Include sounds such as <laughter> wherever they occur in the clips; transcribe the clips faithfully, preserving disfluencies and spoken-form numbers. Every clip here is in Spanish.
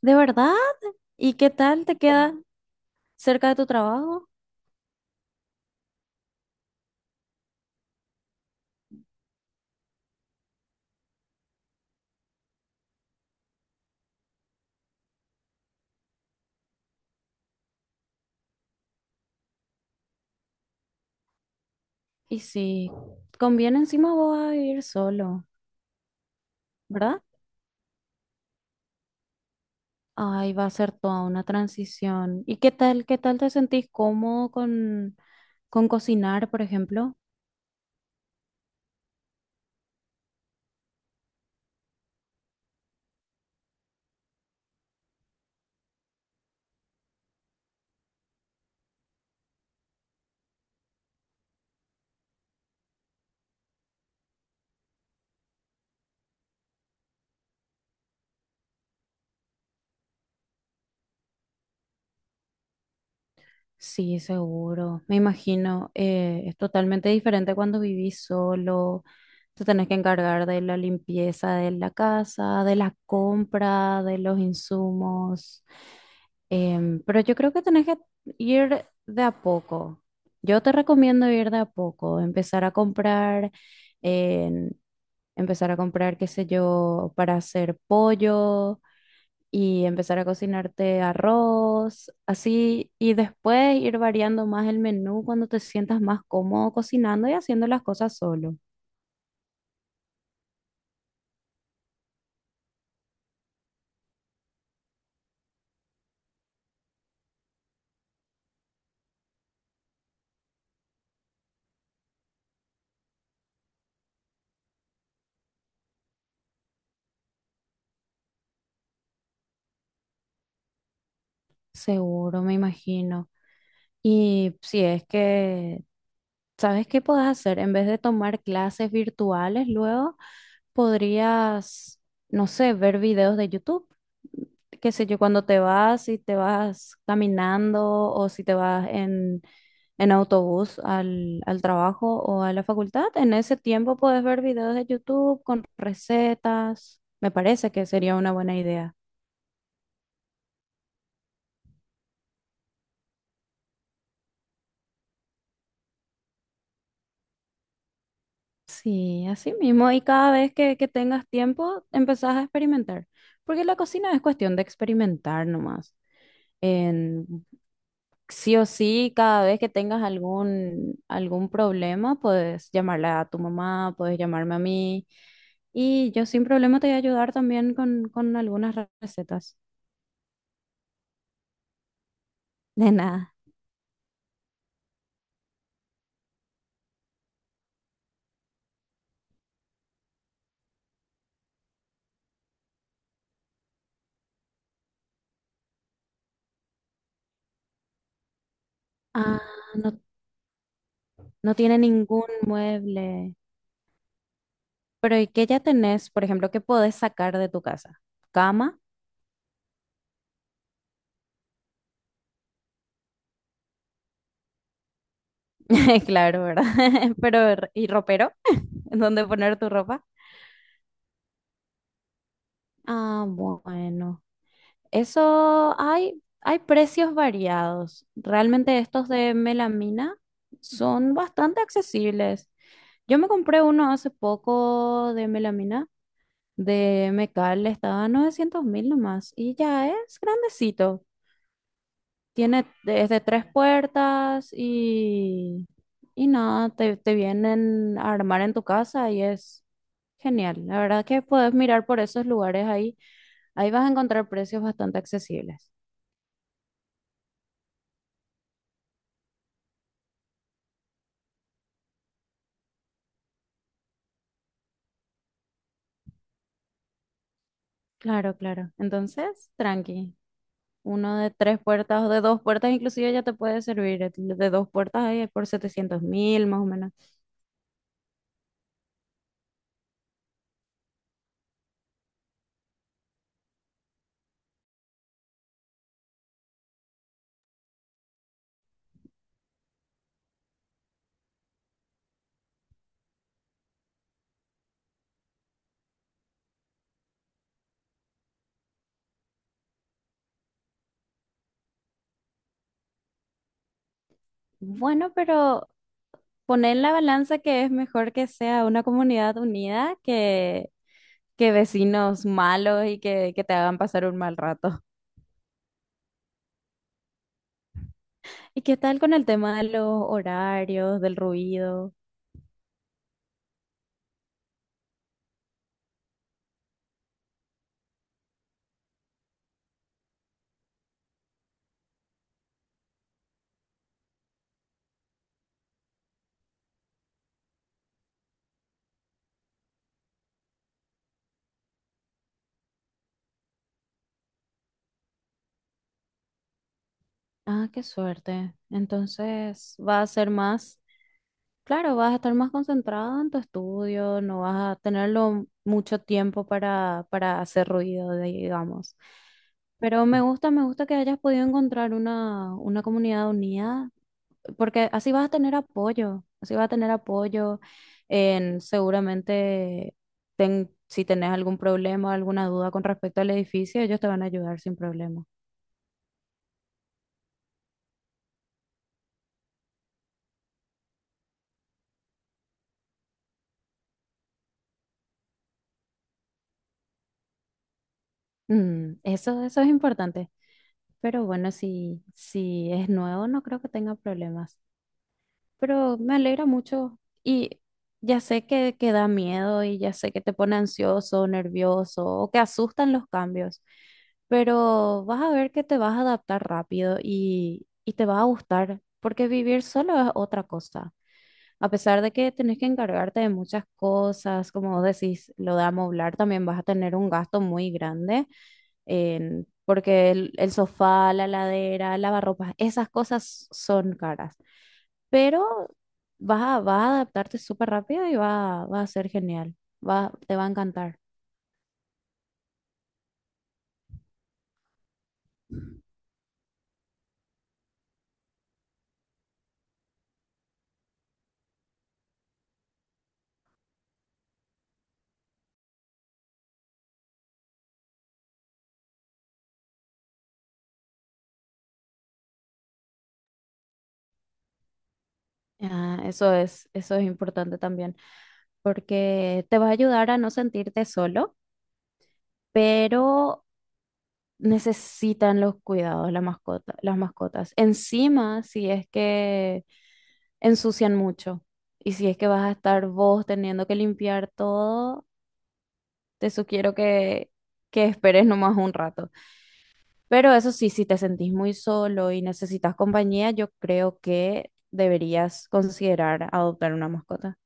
¿De verdad? ¿Y qué tal te queda cerca de tu trabajo? Y si conviene encima vos vas a vivir solo, ¿verdad? Ay, va a ser toda una transición. ¿Y qué tal, qué tal te sentís cómodo con, con cocinar, por ejemplo? Sí, seguro. Me imagino, eh, es totalmente diferente cuando vivís solo. Te tenés que encargar de la limpieza de la casa, de la compra, de los insumos. Em, pero yo creo que tenés que ir de a poco. Yo te recomiendo ir de a poco, empezar a comprar, em, empezar a comprar, qué sé yo, para hacer pollo y empezar a cocinarte arroz, así, y después ir variando más el menú cuando te sientas más cómodo cocinando y haciendo las cosas solo. Seguro, me imagino. Y si es que ¿Sabes qué podés hacer? En vez de tomar clases virtuales, luego podrías, no sé, ver videos de YouTube. Qué sé yo, cuando te vas, si te vas caminando o si te vas en, en autobús al, al trabajo o a la facultad, en ese tiempo puedes ver videos de YouTube con recetas. Me parece que sería una buena idea. Sí, así mismo. Y cada vez que, que tengas tiempo, empezás a experimentar. Porque la cocina es cuestión de experimentar nomás. en- sí o sí, cada vez que tengas algún, algún problema, puedes llamarla a tu mamá, puedes llamarme a mí. Y yo sin problema te voy a ayudar también con, con algunas re- recetas. De nada. Ah, no, no tiene ningún mueble. Pero ¿y qué ya tenés, por ejemplo, qué podés sacar de tu casa? Cama, <laughs> claro, ¿verdad? <laughs> Pero, ¿y ropero? ¿En ¿Dónde poner tu ropa? Ah, bueno. Eso hay, hay precios variados. Realmente estos de melamina son bastante accesibles. Yo me compré uno hace poco de melamina, de Mecal, estaba a novecientos mil nomás y ya es grandecito. Tiene desde tres puertas y, y nada, te, te vienen a armar en tu casa y es genial. La verdad que puedes mirar por esos lugares ahí. Ahí vas a encontrar precios bastante accesibles. Claro, claro. Entonces, tranqui. Uno de tres puertas o de dos puertas, inclusive ya te puede servir. El De dos puertas ahí por setecientos mil, más o menos. Bueno, pero poner en la balanza que es mejor que sea una comunidad unida que, que vecinos malos y que, que te hagan pasar un mal rato. <laughs> ¿Y qué tal con el tema de los horarios, del ruido? Ah, qué suerte. Entonces, va a ser más. Claro, vas a estar más concentrada en tu estudio, no vas a tenerlo mucho tiempo para, para hacer ruido, digamos. Pero me gusta, me gusta que hayas podido encontrar una, una comunidad unida, porque así vas a tener apoyo, así vas a tener apoyo en seguramente ten- si tenés algún problema, alguna duda con respecto al edificio, ellos te van a ayudar sin problema. Mm, eso, eso es importante. Pero bueno, si, si es nuevo, no creo que tenga problemas. Pero me alegra mucho y ya sé que, que da miedo y ya sé que te pone ansioso, nervioso o que asustan los cambios, pero vas a ver que te vas a adaptar rápido y, y te va a gustar, porque vivir solo es otra cosa. A pesar de que tenés que encargarte de muchas cosas, como vos decís, lo de amoblar también vas a tener un gasto muy grande, en- porque el, el sofá, la ladera, lavarropas, esas cosas son caras, pero vas a, vas a adaptarte súper rápido y va, va a ser genial, va, te va a encantar. Ah, eso es, eso es importante también, porque te va a ayudar a no sentirte solo, pero necesitan los cuidados la mascota, las mascotas. Encima, si es que ensucian mucho y si es que vas a estar vos teniendo que limpiar todo, te sugiero que, que esperes nomás un rato. Pero eso sí, si te sentís muy solo y necesitas compañía, yo creo que deberías considerar adoptar una mascota.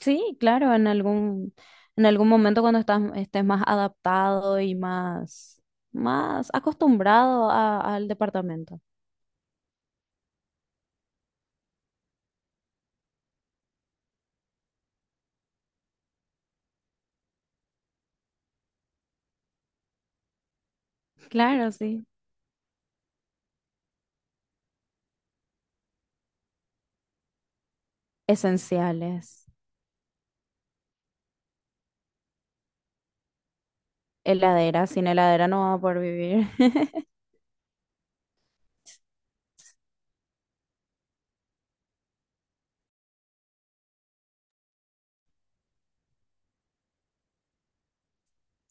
Sí, claro, en algún, en algún momento cuando estás, estés más adaptado y más, más acostumbrado a- al departamento. Claro, sí. Esenciales. Heladera, sin heladera no vamos a poder vivir. <laughs>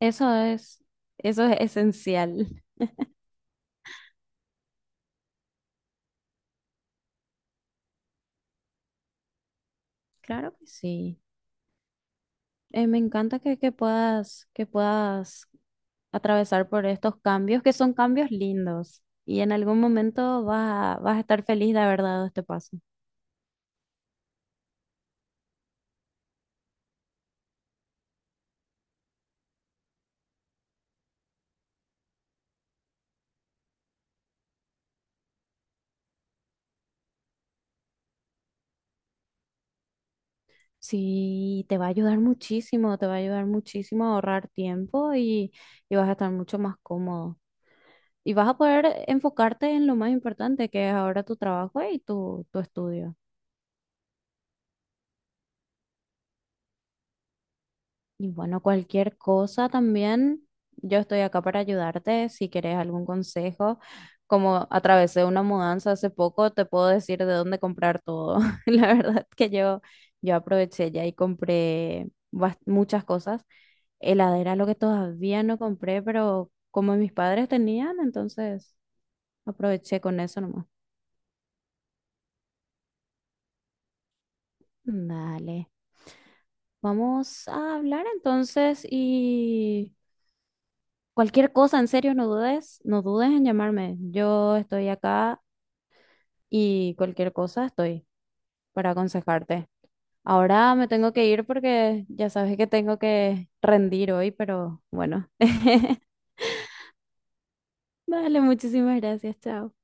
Eso es, eso es esencial. Claro que sí. Eh, me encanta que, que puedas, que puedas atravesar por estos cambios, que son cambios lindos. Y en algún momento vas a, vas a estar feliz de haber dado este paso. Sí, te va a ayudar muchísimo, te va a ayudar muchísimo a ahorrar tiempo y, y vas a estar mucho más cómodo. Y vas a poder enfocarte en lo más importante, que es ahora tu trabajo y tu, tu estudio. Y bueno, cualquier cosa también, yo estoy acá para ayudarte. Si querés algún consejo, como atravesé una mudanza hace poco, te puedo decir de dónde comprar todo. <laughs> La verdad que yo, yo aproveché ya y compré bas- muchas cosas. Heladera, lo que todavía no compré, pero como mis padres tenían, entonces aproveché con eso nomás. Dale. Vamos a hablar entonces y cualquier cosa, en serio, no dudes, no dudes en llamarme. Yo estoy acá y cualquier cosa estoy para aconsejarte. Ahora me tengo que ir porque ya sabes que tengo que rendir hoy, pero bueno. <laughs> Dale, muchísimas gracias, chao.